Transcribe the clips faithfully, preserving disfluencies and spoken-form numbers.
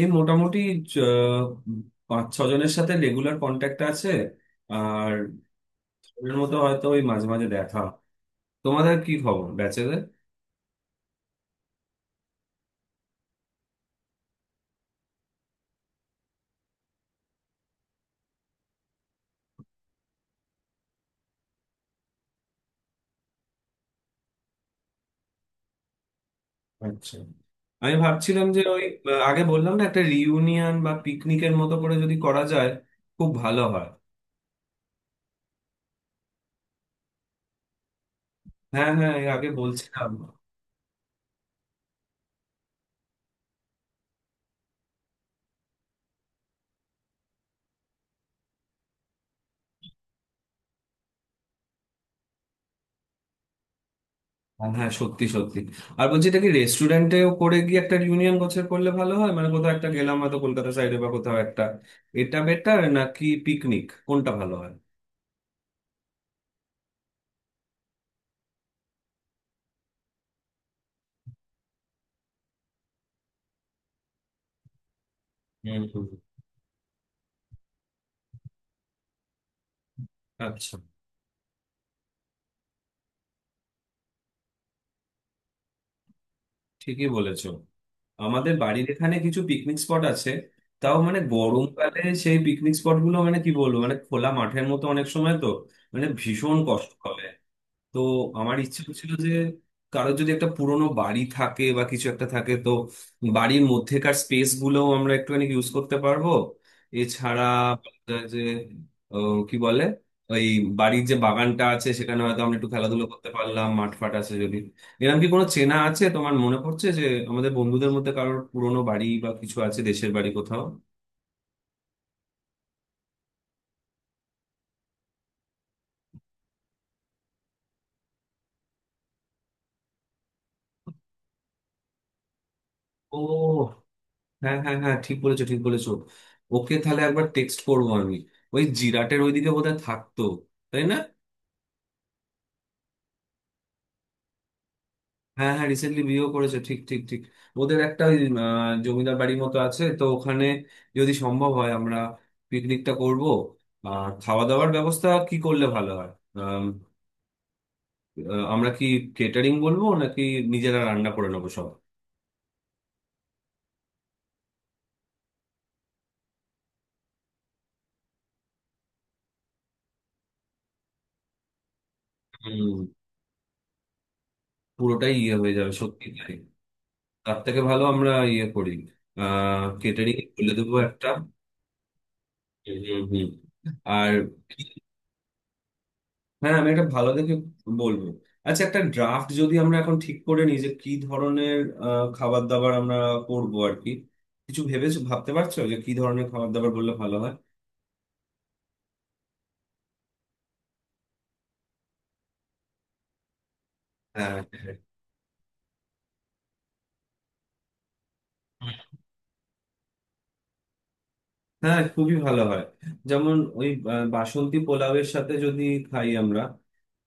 এই মোটামুটি। চ- পাঁচ ছ জনের সাথে রেগুলার কন্ট্যাক্ট আছে। আর এর মতো হয়তো ওই মাঝে মাঝে দেখা। তোমাদের কি খবর ব্যাচেদের? আচ্ছা, আমি ভাবছিলাম যে ওই আহ, আগে বললাম না, একটা রিইউনিয়ন বা পিকনিকের মতো করে যদি করা যায় খুব ভালো হয়। হ্যাঁ হ্যাঁ, এর আগে বলছিলাম। হ্যাঁ হ্যাঁ, সত্যি সত্যি। আর বলছি, এটা কি রেস্টুরেন্টেও করে গিয়ে একটা রিউনিয়ন গোছের করলে ভালো হয়? মানে কোথাও একটা গেলাম, হয়তো কলকাতা সাইডে বা কোথাও একটা। এটা বেটার নাকি পিকনিক, কোনটা ভালো হয়? হুম হুম। আচ্ছা। ঠিকই বলেছো। আমাদের বাড়ির এখানে কিছু পিকনিক স্পট আছে, তাও মানে গরমকালে সেই পিকনিক স্পট গুলো মানে কি বলবো, মানে খোলা মাঠের মতো অনেক সময় তো মানে ভীষণ কষ্ট হবে। তো আমার ইচ্ছে ছিল যে কারোর যদি একটা পুরোনো বাড়ি থাকে বা কিছু একটা থাকে, তো বাড়ির মধ্যেকার স্পেস গুলোও আমরা একটুখানি ইউজ করতে পারবো। এছাড়া আহ, যে আহ, কি বলে, ওই বাড়ির যে বাগানটা আছে সেখানে হয়তো আমরা একটু খেলাধুলো করতে পারলাম, মাঠ ফাট আছে যদি। এরকম কি কোনো চেনা আছে, তোমার মনে পড়ছে যে আমাদের বন্ধুদের মধ্যে কারোর পুরোনো বাড়ি বা কিছু আছে, দেশের বাড়ি কোথাও? ও, হ্যাঁ হ্যাঁ হ্যাঁ, ঠিক বলেছো, ঠিক বলেছো। ওকে, তাহলে একবার টেক্সট করবো আমি। ওই জিরাটের ওইদিকে বোধহয় থাকতো, তাই না? হ্যাঁ হ্যাঁ, রিসেন্টলি বিয়েও করেছে, ঠিক ঠিক ঠিক। ওদের একটা ওই আহ, জমিদার বাড়ির মতো আছে তো ওখানে। যদি সম্ভব হয়, আমরা পিকনিকটা করব। আর খাওয়া দাওয়ার ব্যবস্থা কি করলে ভালো হয়? আম, আহ, আমরা কি কেটারিং বলবো নাকি নিজেরা রান্না করে নেবো সব? হম। পুরোটাই ইয়ে হয়ে যাবে, সত্যি তাই। তার থেকে ভালো আমরা ইয়ে করি। আহ কেটারিং বলে দেবো একটা। হুম হুম। আর, হ্যাঁ, আমি একটা ভালো দেখে বলবো। আচ্ছা, একটা ড্রাফট যদি আমরা এখন ঠিক করে নিই যে কি ধরনের আহ, খাবার দাবার আমরা করব আর কি। কিছু ভেবেছো? ভাবতে পারছো যে কি ধরনের খাবার দাবার বললে ভালো হয়? হ্যাঁ হ্যাঁ, খুবই ভালো হয়। যেমন ওই আহ, বাসন্তী পোলাওয়ের সাথে যদি খাই আমরা।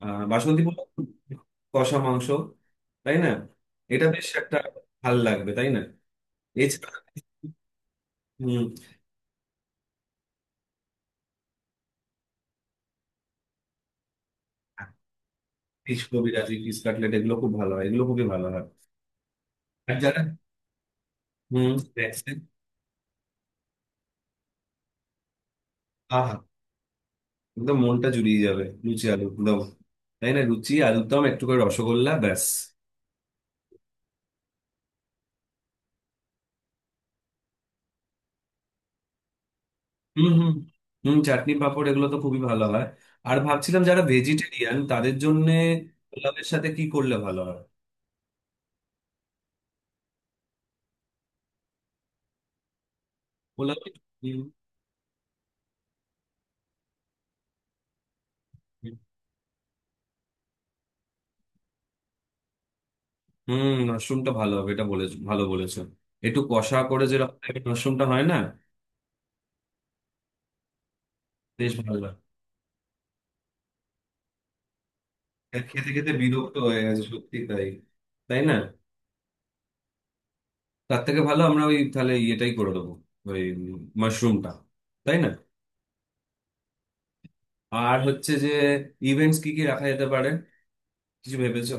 আহ, বাসন্তী পোলাও, কষা মাংস, তাই না? এটা বেশ একটা ভাল লাগবে, তাই না? এছাড়া হুম। এই কবিরাজি, স্কটল্যান্ড, এগুলো খুব ভালো হয়, এগুলো খুবই ভালো হয়। আর যারা হম দেখছেন। আহা, একদম মনটা জুড়িয়ে যাবে, লুচি আলু দম, তাই না? লুচি আলুর দম একটু করে রসগোল্লা, ব্যাস। হুম হুম হুম, চাটনি পাঁপড়, এগুলো তো খুবই ভালো হয়। আর ভাবছিলাম, যারা ভেজিটেরিয়ান তাদের জন্য পোলাওয়ের সাথে কি করলে ভালো হয়? পোলাও। হুম হুম, মাশরুমটা ভালো হবে, এটা বলে। ভালো বলেছো। একটু কষা করে, যেরকম একটা মাশরুমটা হয় না, বেশ ভালো লাগে। আর খেতে খেতে বিরক্ত হয়ে গেছে, সত্যি তাই, তাই না? তার থেকে ভালো আমরা ওই তাহলে ইয়েটাই করে দেবো, ওই মাশরুমটা, তাই না? আর হচ্ছে যে ইভেন্টস কি কি রাখা যেতে পারে, কিছু ভেবেছো?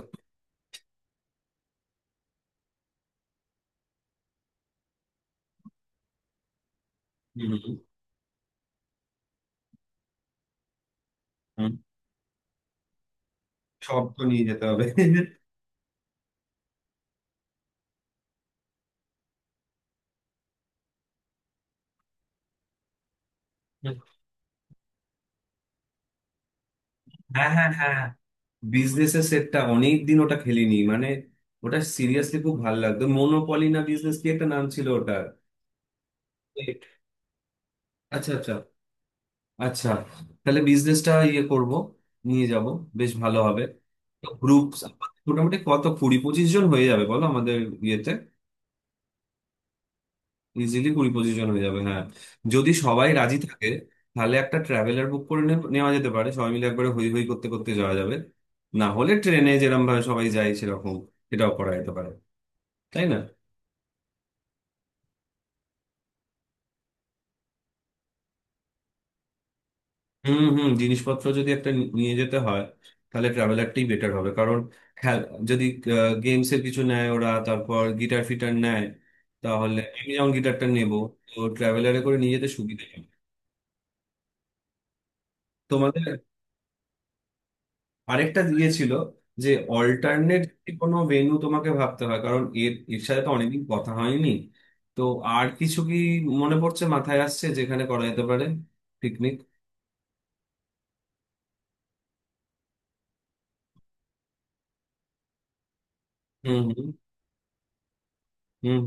হুম, হুম, হুম। সব তো নিয়ে যেতে হবে। হ্যাঁ হ্যাঁ হ্যাঁ, বিজনেস এর সেটটা অনেক দিন ওটা খেলিনি মানে। ওটা সিরিয়াসলি খুব ভালো লাগতো, মনোপলি না বিজনেস, কি একটা নাম ছিল ওটা। আচ্ছা আচ্ছা। আচ্ছা, তাহলে বিজনেসটা ইয়ে করব, নিয়ে যাব, বেশ ভালো হবে। গ্রুপ। মোটামুটি কত, কুড়ি পঁচিশ জন হয়ে যাবে বলো আমাদের ইয়েতে? ইজিলি কুড়ি পঁচিশ জন হয়ে যাবে, হ্যাঁ, যদি সবাই রাজি থাকে। তাহলে একটা ট্রাভেলার বুক করে নে- নেওয়া যেতে পারে, সবাই মিলে একবারে হই হই করতে করতে যাওয়া যাবে। না হলে ট্রেনে যেরকম ভাবে সবাই যায় সেরকম এটাও করা যেতে পারে, তাই না? হুম হুম, জিনিসপত্র যদি একটা নি- নিয়ে যেতে হয় তাহলে ট্রাভেলারটাই বেটার হবে, কারণ হ্যাঁ, যদি গেমস এর কিছু নেয় ওরা, তারপর গিটার ফিটার নেয়, তাহলে আমি যেমন গিটারটা নেবো, তো ট্রাভেলারে করে নিয়ে যেতে সুবিধা হবে। তোমাদের আরেকটা দিয়েছিল যে অল্টারনেট কোনো ভেন্যু তোমাকে ভাবতে হয়, কারণ এর এর সাথে তো অনেকদিন কথা হয়নি। তো আর কিছু কি মনে পড়ছে, মাথায় আসছে যেখানে করা যেতে পারে পিকনিক? হুম হুম হুম।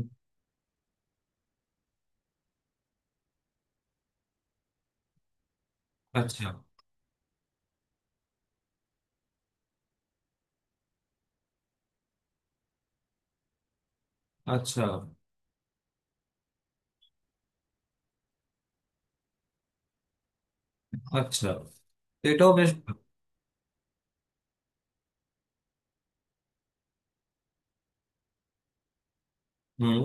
আচ্ছা আচ্ছা আচ্ছা, তো এটাও বেশ ভালো। হুম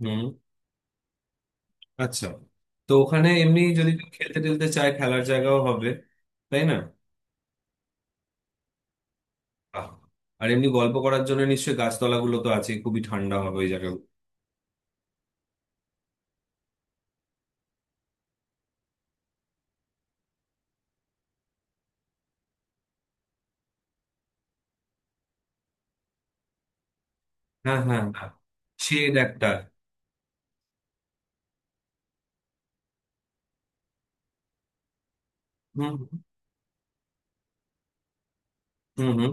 হুম। আচ্ছা, তো ওখানে এমনি যদি কেউ খেলতে টেলতে চায়, খেলার জায়গাও হবে, তাই না? বাহ। আর এমনি গল্প করার জন্য নিশ্চয়ই গাছতলাগুলো তো আছে, খুবই ঠান্ডা হবে ওই জায়গাগুলো। হ্যাঁ হ্যাঁ হ্যাঁ, শেড একটা। হুম হুম হুম,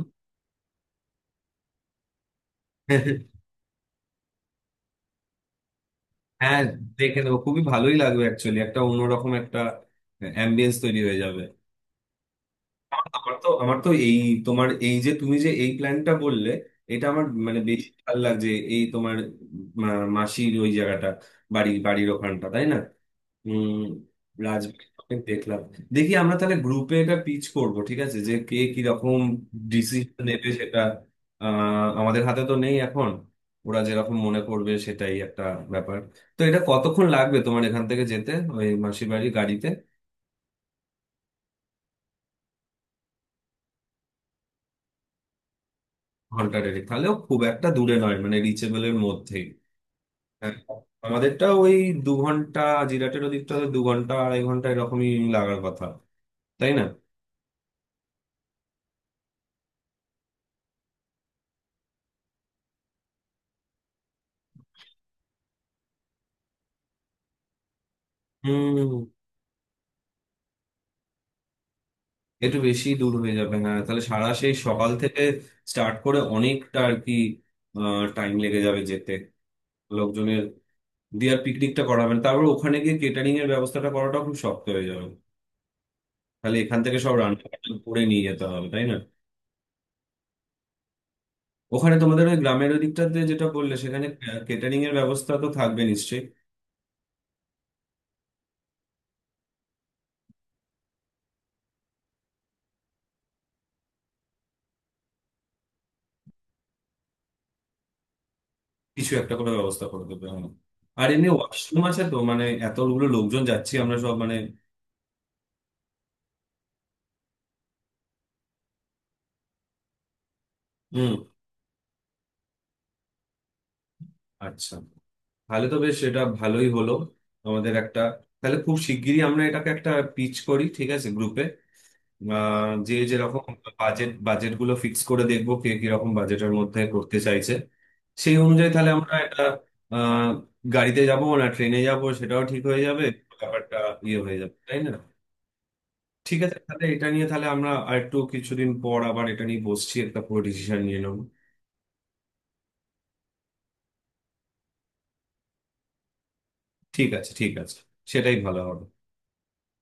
হ্যাঁ দেখে নেবো, খুবই ভালোই লাগবে অ্যাকচুয়ালি, একটা অন্যরকম একটা অ্যাম্বিয়েন্স তৈরি হয়ে যাবে। আমার আমার তো আমার তো এই তোমার এই যে তুমি যে এই প্ল্যানটা বললে, এটা আমার মানে বেশি ভালো লাগছে। এই তোমার মা- মাসির ওই জায়গাটা, বাড়ি বাড়ির ওখানটা, তাই না? হম রাজবীরকে দেখলাম। দেখি আমরা তাহলে গ্রুপে এটা পিচ করব, ঠিক আছে, যে কে কি রকম ডিসিশন নেবে সেটা। আহ, আমাদের হাতে তো নেই এখন। ওরা যেরকম মনে করবে সেটাই একটা ব্যাপার। তো এটা কতক্ষণ লাগবে তোমার এখান থেকে যেতে, ওই মাসির বাড়ি গাড়িতে? ঘন্টা দেড়েক তাহলেও খুব একটা দূরে নয়, মানে রিচেবলের মধ্যেই। হ্যাঁ, আমাদেরটা ওই দু ঘন্টা, জিরাটের ওদিকটা তো দু ঘন্টা আড়াই ঘন্টা এরকমই লাগার কথা, তাই না? হুম, একটু বেশি দূর হয়ে যাবে হ্যাঁ, তাহলে সারা সেই সকাল থেকে স্টার্ট করে অনেকটা আর কি টাইম লেগে যাবে যেতে, লোকজনের দিয়ে আর পিকনিকটা করাবেন, তারপর ওখানে গিয়ে কেটারিং এর ব্যবস্থাটা করাটা খুব শক্ত হয়ে যাবে। তাহলে এখান থেকে সব রান্না বান্না করে নিয়ে যেতে হবে, তাই না? ওখানে তোমাদের ওই গ্রামের ওই দিকটাতে যেটা বললে সেখানে কেটারিং এর ব্যবস্থা তো থাকবে নিশ্চয়ই? কিছু একটা করে ব্যবস্থা করে দেবে, হ্যাঁ। আর এমনি ওয়াশরুম আছে তো, মানে এতগুলো লোকজন যাচ্ছি আমরা, সব মানে। হুম। আচ্ছা, তাহলে তো বেশ এটা ভালোই হলো আমাদের একটা। তাহলে খুব শিগগিরই আমরা এটাকে একটা পিচ করি, ঠিক আছে, গ্রুপে। আহ যে যেরকম বাজেট বাজেট গুলো ফিক্স করে দেখবো কে কিরকম বাজেটের মধ্যে করতে চাইছে, সেই অনুযায়ী তাহলে আমরা এটা আহ গাড়িতে যাবো না ট্রেনে যাবো সেটাও ঠিক হয়ে যাবে। ব্যাপারটা ইয়ে হয়ে যাবে, তাই না? ঠিক আছে, তাহলে এটা নিয়ে তাহলে আমরা আর একটু কিছুদিন পর আবার এটা নিয়ে বসছি, একটা পুরো ডিসিশন নিয়ে নেবো। ঠিক আছে ঠিক আছে, সেটাই ভালো হবে।